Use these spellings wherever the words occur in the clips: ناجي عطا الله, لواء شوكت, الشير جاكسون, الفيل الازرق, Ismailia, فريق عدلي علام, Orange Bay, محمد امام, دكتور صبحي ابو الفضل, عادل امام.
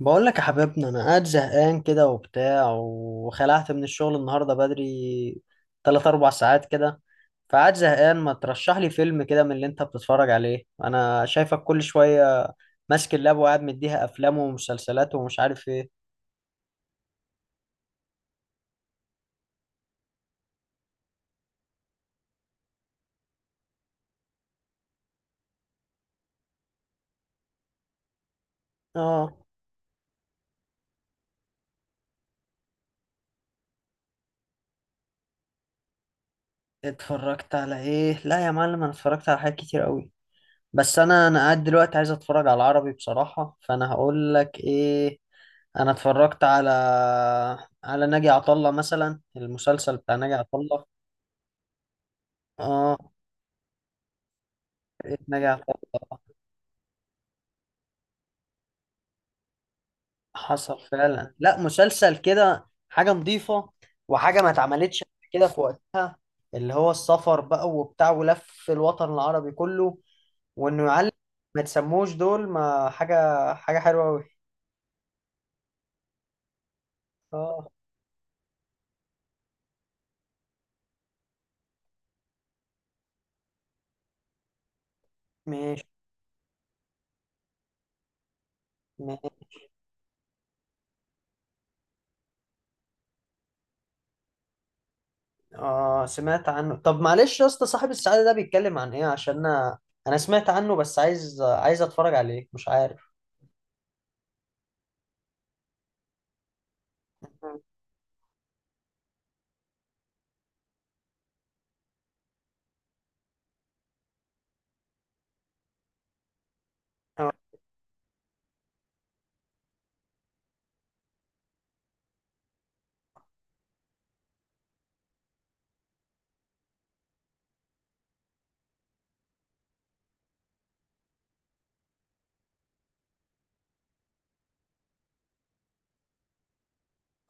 بقول لك يا حبيبنا، انا قاعد زهقان كده وبتاع، وخلعت من الشغل النهارده بدري 3 4 ساعات كده. فقاعد زهقان، ما ترشح لي فيلم كده من اللي انت بتتفرج عليه؟ انا شايفك كل شويه ماسك اللاب، وقاعد مديها افلام ومسلسلات ومش عارف ايه. اه، اتفرجت على ايه؟ لا يا معلم، انا اتفرجت على حاجات كتير قوي. بس انا قاعد دلوقتي عايز اتفرج على العربي بصراحه، فانا هقول لك ايه. انا اتفرجت على ناجي عطا الله مثلا، المسلسل بتاع ناجي عطا الله. اه، ناجي عطا الله. حصل فعلا. لا، مسلسل كده حاجه نظيفه، وحاجه ما اتعملتش قبل كده في وقتها. اللي هو السفر بقى وبتاع، ولف الوطن العربي كله، وانه يعلم. ما تسموش دول، ما حاجه حاجه حلوه قوي. اه، ماشي. اه، سمعت عنه. طب معلش يا اسطى، صاحب السعادة ده بيتكلم عن ايه؟ عشان انا سمعت عنه، بس عايز اتفرج عليه، مش عارف. اه،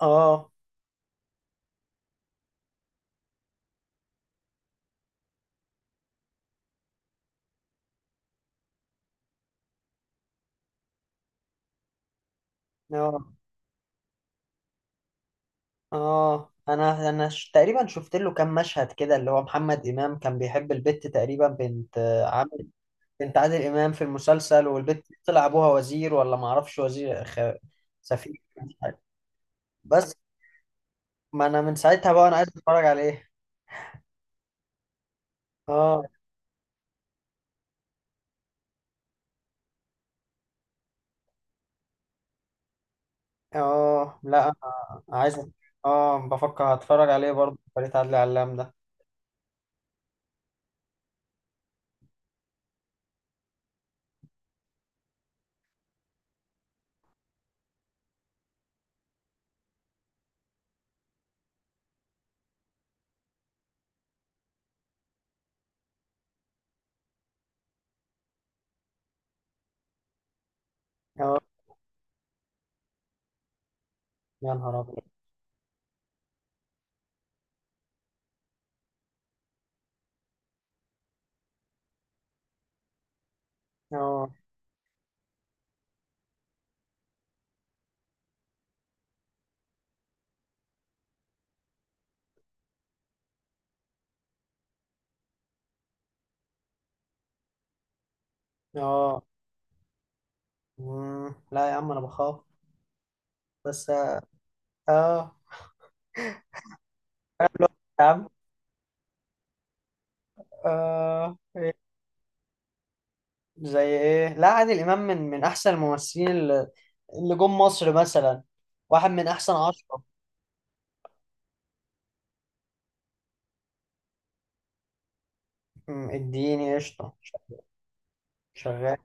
اه، اه. انا تقريبا شفت له كام مشهد كده، اللي هو محمد امام كان بيحب البت، تقريبا بنت عامل بنت عادل امام في المسلسل، والبت طلع ابوها وزير، ولا ما اعرفش، وزير سفير، مش عارف. بس ما انا من ساعتها بقى انا عايز اتفرج عليه. اه، اه، لا انا عايز اه، بفكر هتفرج عليه برضه، فريق عدلي علام ده. اه يا نهار ابيض. اه، اه، لا يا عم، انا بخاف. بس، اه. آه، حلو. يا عم. إيه؟ زي ايه؟ لا، عادل امام من احسن الممثلين، اللي جم مصر مثلا، واحد من احسن عشرة. اديني قشطه. شغال.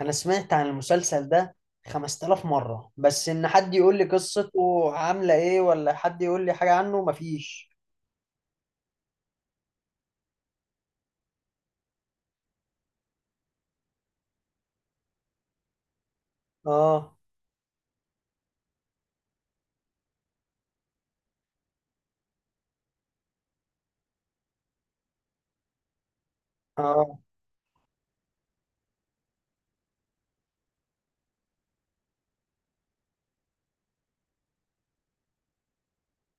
انا سمعت عن المسلسل ده 5000 مرة، بس ان حد يقول لي قصته عاملة ايه، ولا حد يقول لي حاجة عنه، مفيش. اه، اه،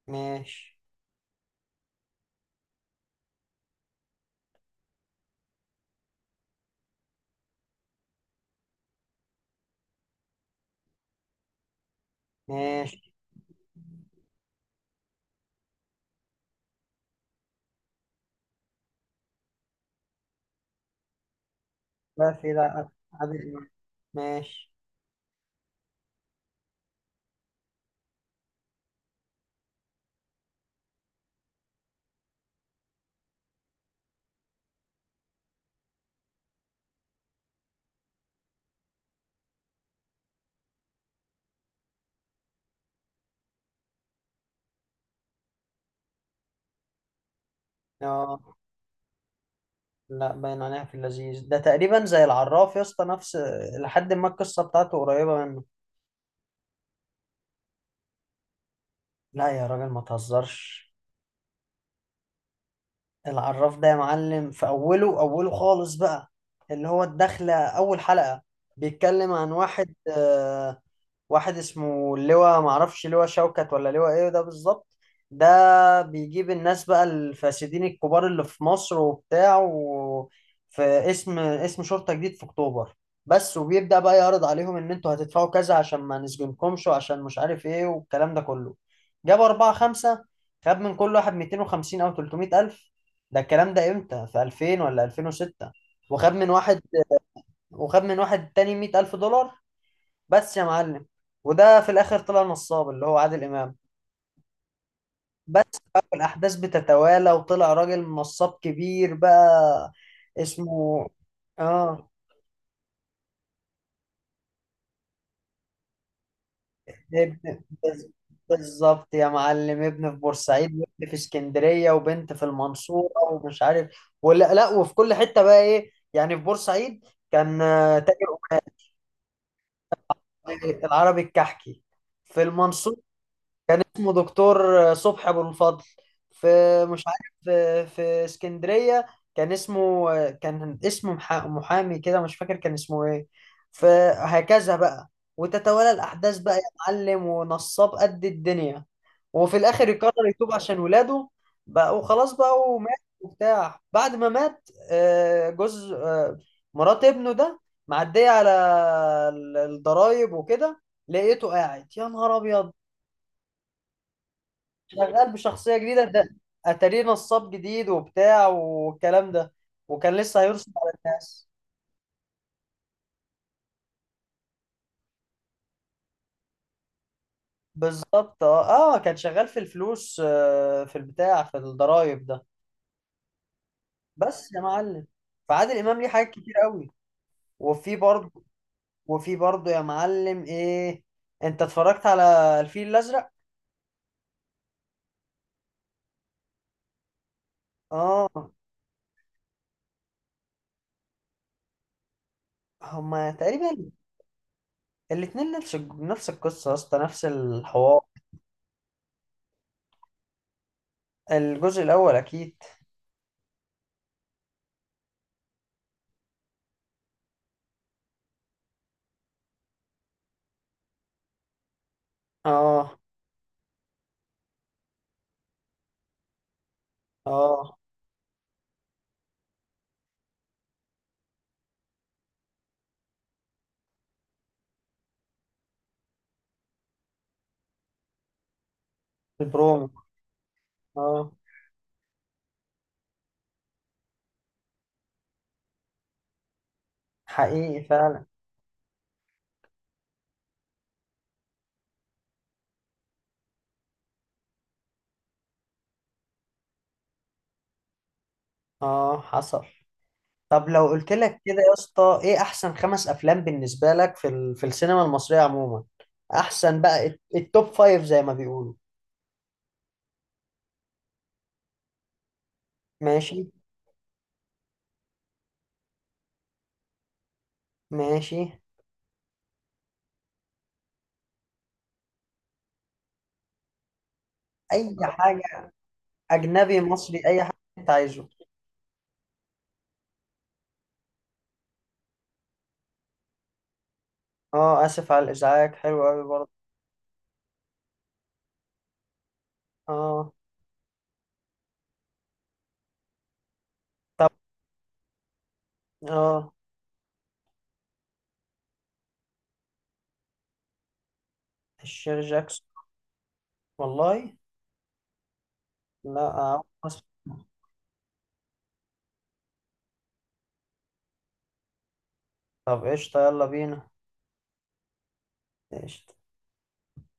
ماشي. ماشي. لا، في، لا عادل إمام. ماشي. اه. لا، باين عليها في اللذيذ ده، تقريبا زي العراف يا اسطى، نفس... لحد ما القصة بتاعته قريبة منه. لا يا راجل، ما تهزرش. العراف ده يا معلم، في اوله اوله خالص بقى، اللي هو الدخلة، اول حلقة، بيتكلم عن واحد، واحد اسمه لواء، معرفش لواء شوكت ولا لواء ايه ده بالظبط. ده بيجيب الناس بقى الفاسدين الكبار اللي في مصر وبتاع، و... في اسم، شرطة جديد في اكتوبر بس. وبيبدأ بقى يعرض عليهم ان انتوا هتدفعوا كذا، عشان ما نسجنكمش، وعشان مش عارف ايه، والكلام ده كله. جاب أربعة خمسة، خد من كل واحد 250 أو 300 ألف. ده الكلام ده امتى؟ في 2000 ولا 2006. وخد من واحد، وخد من واحد تاني 100 ألف دولار، بس يا معلم. وده في الاخر طلع نصاب، اللي هو عادل امام. بس. بقى الاحداث بتتوالى، وطلع راجل نصاب كبير بقى. اسمه... اه، ابن، بز- بالظبط يا معلم، ابن في بورسعيد، وابن في اسكندريه، وبنت في المنصوره، ومش عارف، ولا لا. وفي كل حته بقى ايه، يعني في بورسعيد كان تاجر قماش، العربي الكحكي. في المنصورة كان اسمه دكتور صبحي ابو الفضل. في، مش عارف، في اسكندريه كان اسمه، محامي كده، مش فاكر كان اسمه ايه. فهكذا بقى، وتتوالى الاحداث بقى يا معلم، ونصاب قد الدنيا. وفي الاخر يقرر يتوب عشان ولاده بقى، وخلاص بقى، ومات وبتاع. بعد ما مات جوز مرات ابنه ده، معديه على الضرايب وكده، لقيته قاعد يا نهار ابيض، شغال بشخصية جديدة ده. اتاريه نصاب جديد وبتاع، والكلام ده، وكان لسه هيرسم على الناس. بالظبط، اه، اه، كان شغال في الفلوس، في البتاع، في الضرايب ده، بس يا معلم. فعادل امام ليه حاجات كتير قوي. وفي برضه، يا معلم ايه، انت اتفرجت على الفيل الازرق؟ اه. هما تقريبا الاتنين نفس القصه يا اسطى، نفس الحوار. الجزء الاول اكيد. اه، اه، البرومو. اه، حقيقي فعلا. اه، حصل. طب لو قلت لك كده يا اسطى، ايه احسن خمس افلام بالنسبه لك في في السينما المصريه عموما؟ احسن بقى التوب فايف زي ما بيقولوا. ماشي. ماشي. اي حاجه، اجنبي، مصري، اي حاجه انت عايزه. اه، اسف على الازعاج، حلو قوي برضه. اه، طب. اه، الشير جاكسون. والله. لا. طب قشطه، يلا بينا. قشطه.